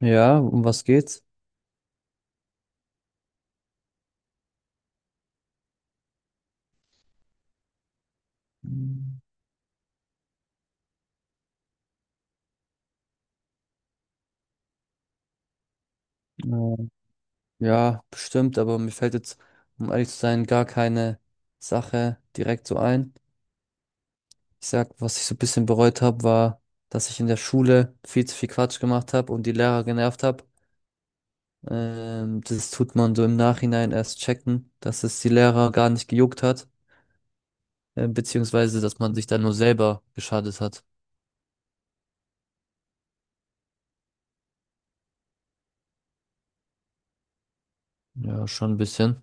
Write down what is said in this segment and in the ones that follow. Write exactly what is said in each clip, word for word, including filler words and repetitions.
Ja, um was geht's? Mhm. Äh, Ja, bestimmt, aber mir fällt jetzt, um ehrlich zu sein, gar keine Sache direkt so ein. Ich sag, was ich so ein bisschen bereut habe, war, dass ich in der Schule viel zu viel Quatsch gemacht habe und die Lehrer genervt habe. Ähm, das tut man so im Nachhinein erst checken, dass es die Lehrer gar nicht gejuckt hat, äh, beziehungsweise, dass man sich dann nur selber geschadet hat. Ja, schon ein bisschen.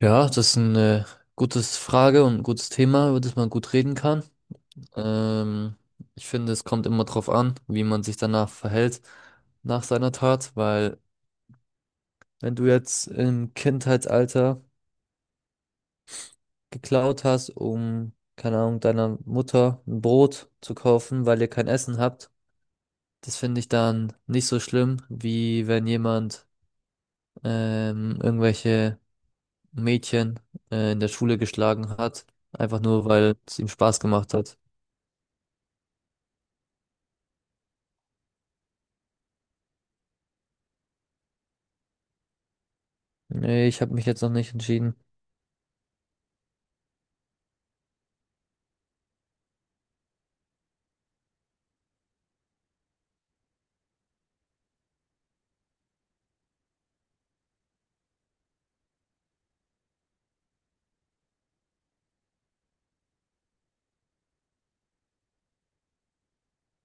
Ja, das ist eine gute Frage und ein gutes Thema, über das man gut reden kann. Ähm, Ich finde, es kommt immer drauf an, wie man sich danach verhält nach seiner Tat, weil wenn du jetzt im Kindheitsalter geklaut hast, um, keine Ahnung, deiner Mutter ein Brot zu kaufen, weil ihr kein Essen habt, das finde ich dann nicht so schlimm, wie wenn jemand ähm, irgendwelche Mädchen äh, in der Schule geschlagen hat, einfach nur, weil es ihm Spaß gemacht hat. Nee, ich habe mich jetzt noch nicht entschieden.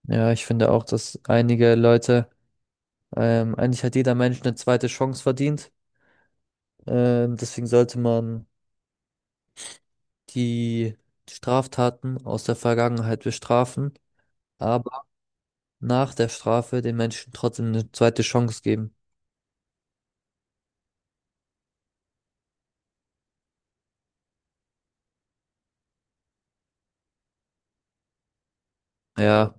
Ja, ich finde auch, dass einige Leute Ähm, eigentlich hat jeder Mensch eine zweite Chance verdient. Ähm, deswegen sollte man die Straftaten aus der Vergangenheit bestrafen, aber nach der Strafe den Menschen trotzdem eine zweite Chance geben. Ja,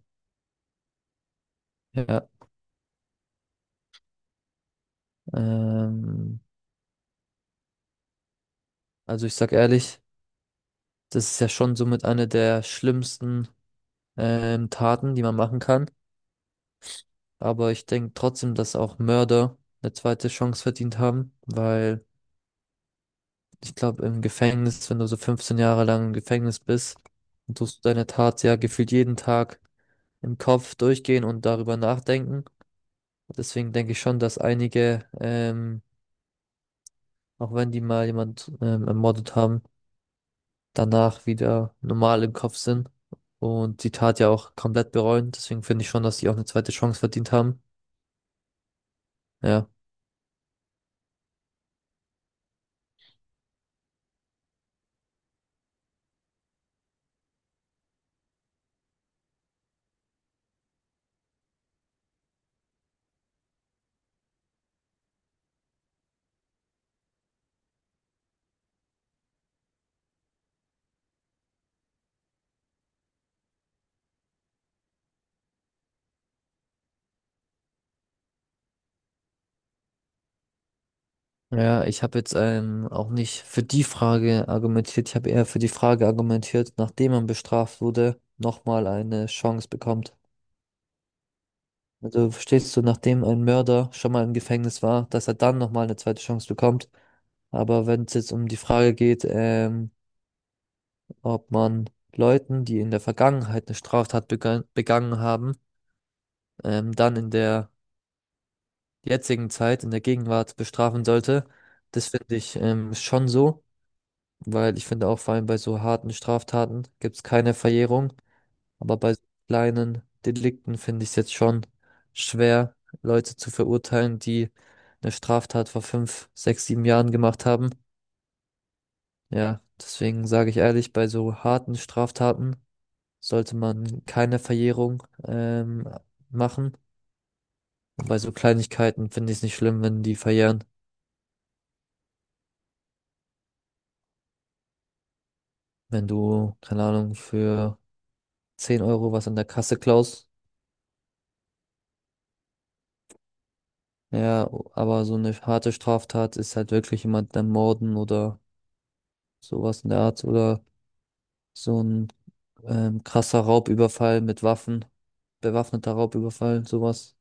ja. Ähm, also ich sag ehrlich, das ist ja schon somit eine der schlimmsten ähm, Taten, die man machen kann. Aber ich denke trotzdem, dass auch Mörder eine zweite Chance verdient haben, weil ich glaube, im Gefängnis, wenn du so fünfzehn Jahre lang im Gefängnis bist, dann tust du deine Tat ja gefühlt jeden Tag im Kopf durchgehen und darüber nachdenken. Deswegen denke ich schon, dass einige, ähm, auch wenn die mal jemand ähm, ermordet haben, danach wieder normal im Kopf sind und die Tat ja auch komplett bereuen. Deswegen finde ich schon, dass die auch eine zweite Chance verdient haben. Ja. Ja, ich habe jetzt ähm, auch nicht für die Frage argumentiert. Ich habe eher für die Frage argumentiert, nachdem man bestraft wurde, nochmal eine Chance bekommt. Also verstehst du, nachdem ein Mörder schon mal im Gefängnis war, dass er dann nochmal eine zweite Chance bekommt. Aber wenn es jetzt um die Frage geht, ähm, ob man Leuten, die in der Vergangenheit eine Straftat begangen, begangen haben, ähm, dann in der jetzigen Zeit, in der Gegenwart bestrafen sollte, das finde ich ähm, schon so. Weil ich finde auch vor allem bei so harten Straftaten gibt es keine Verjährung, aber bei so kleinen Delikten finde ich es jetzt schon schwer, Leute zu verurteilen, die eine Straftat vor fünf, sechs, sieben Jahren gemacht haben. Ja, deswegen sage ich ehrlich, bei so harten Straftaten sollte man keine Verjährung ähm, machen. Und bei so Kleinigkeiten finde ich es nicht schlimm, wenn die verjähren. Wenn du, keine Ahnung, für zehn Euro was an der Kasse klaust, ja, aber so eine harte Straftat ist halt wirklich jemand dann morden oder sowas in der Art oder so ein ähm, krasser Raubüberfall mit Waffen, bewaffneter Raubüberfall, sowas.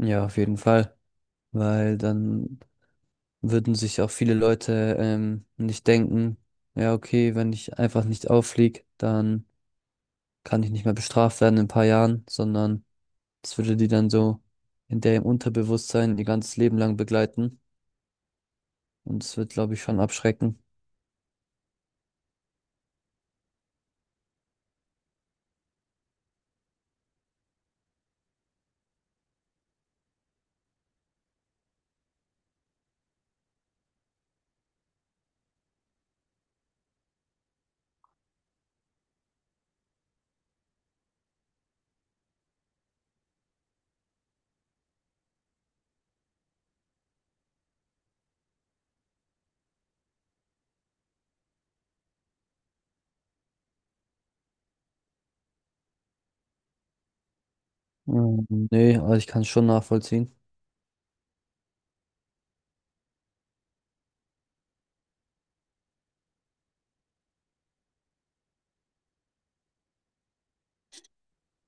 Ja, auf jeden Fall, weil dann würden sich auch viele Leute ähm, nicht denken, ja, okay, wenn ich einfach nicht auffliege, dann kann ich nicht mehr bestraft werden in ein paar Jahren, sondern das würde die dann so in der im Unterbewusstsein ihr ganzes Leben lang begleiten und es wird, glaube ich, schon abschrecken. Mm, nee, also ich kann es schon nachvollziehen.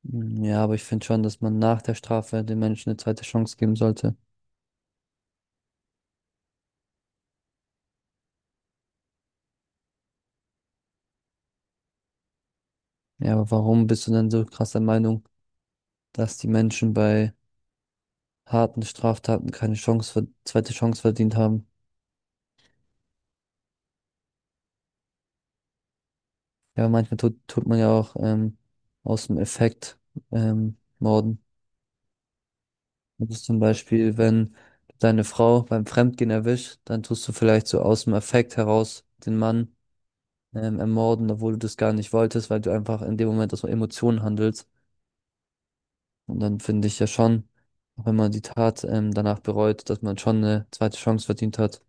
Mm, ja, aber ich finde schon, dass man nach der Strafe den Menschen eine zweite Chance geben sollte. Ja, aber warum bist du denn so krass der Meinung, dass die Menschen bei harten Straftaten keine Chance, ver- zweite Chance verdient haben? Ja, manchmal tut, tut man ja auch ähm, aus dem Effekt ähm, morden. Das ist zum Beispiel, wenn du deine Frau beim Fremdgehen erwischt, dann tust du vielleicht so aus dem Effekt heraus den Mann ähm, ermorden, obwohl du das gar nicht wolltest, weil du einfach in dem Moment aus Emotionen handelst. Und dann finde ich ja schon, auch wenn man die Tat ähm, danach bereut, dass man schon eine zweite Chance verdient hat.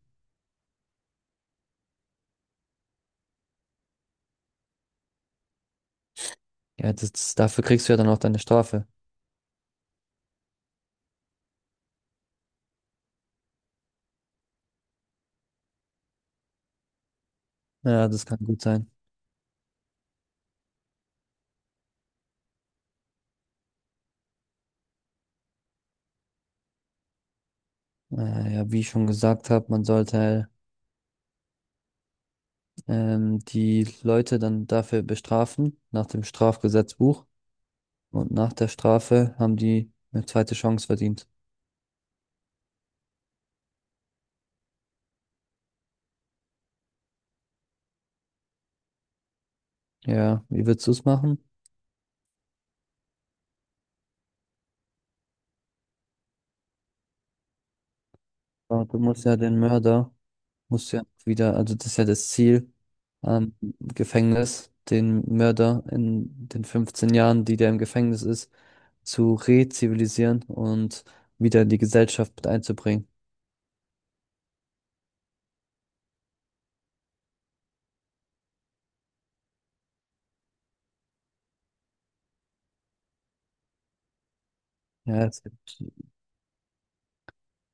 Ja, das, dafür kriegst du ja dann auch deine Strafe. Ja, das kann gut sein. Äh, ja, wie ich schon gesagt habe, man sollte ähm, die Leute dann dafür bestrafen, nach dem Strafgesetzbuch. Und nach der Strafe haben die eine zweite Chance verdient. Ja, wie würdest du es machen? Aber du musst ja den Mörder musst du ja wieder, also das ist ja das Ziel am Gefängnis, den Mörder in den fünfzehn Jahren, die der im Gefängnis ist, zu rezivilisieren und wieder in die Gesellschaft mit einzubringen. Ja, es gibt,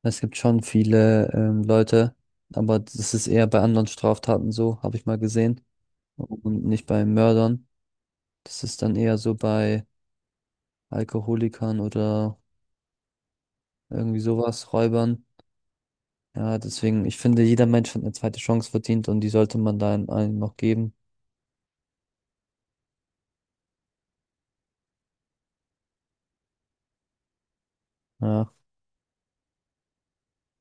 es gibt schon viele ähm, Leute, aber das ist eher bei anderen Straftaten so, habe ich mal gesehen, und nicht bei Mördern. Das ist dann eher so bei Alkoholikern oder irgendwie sowas, Räubern. Ja, deswegen, ich finde, jeder Mensch hat eine zweite Chance verdient und die sollte man dann allen noch geben. Ja.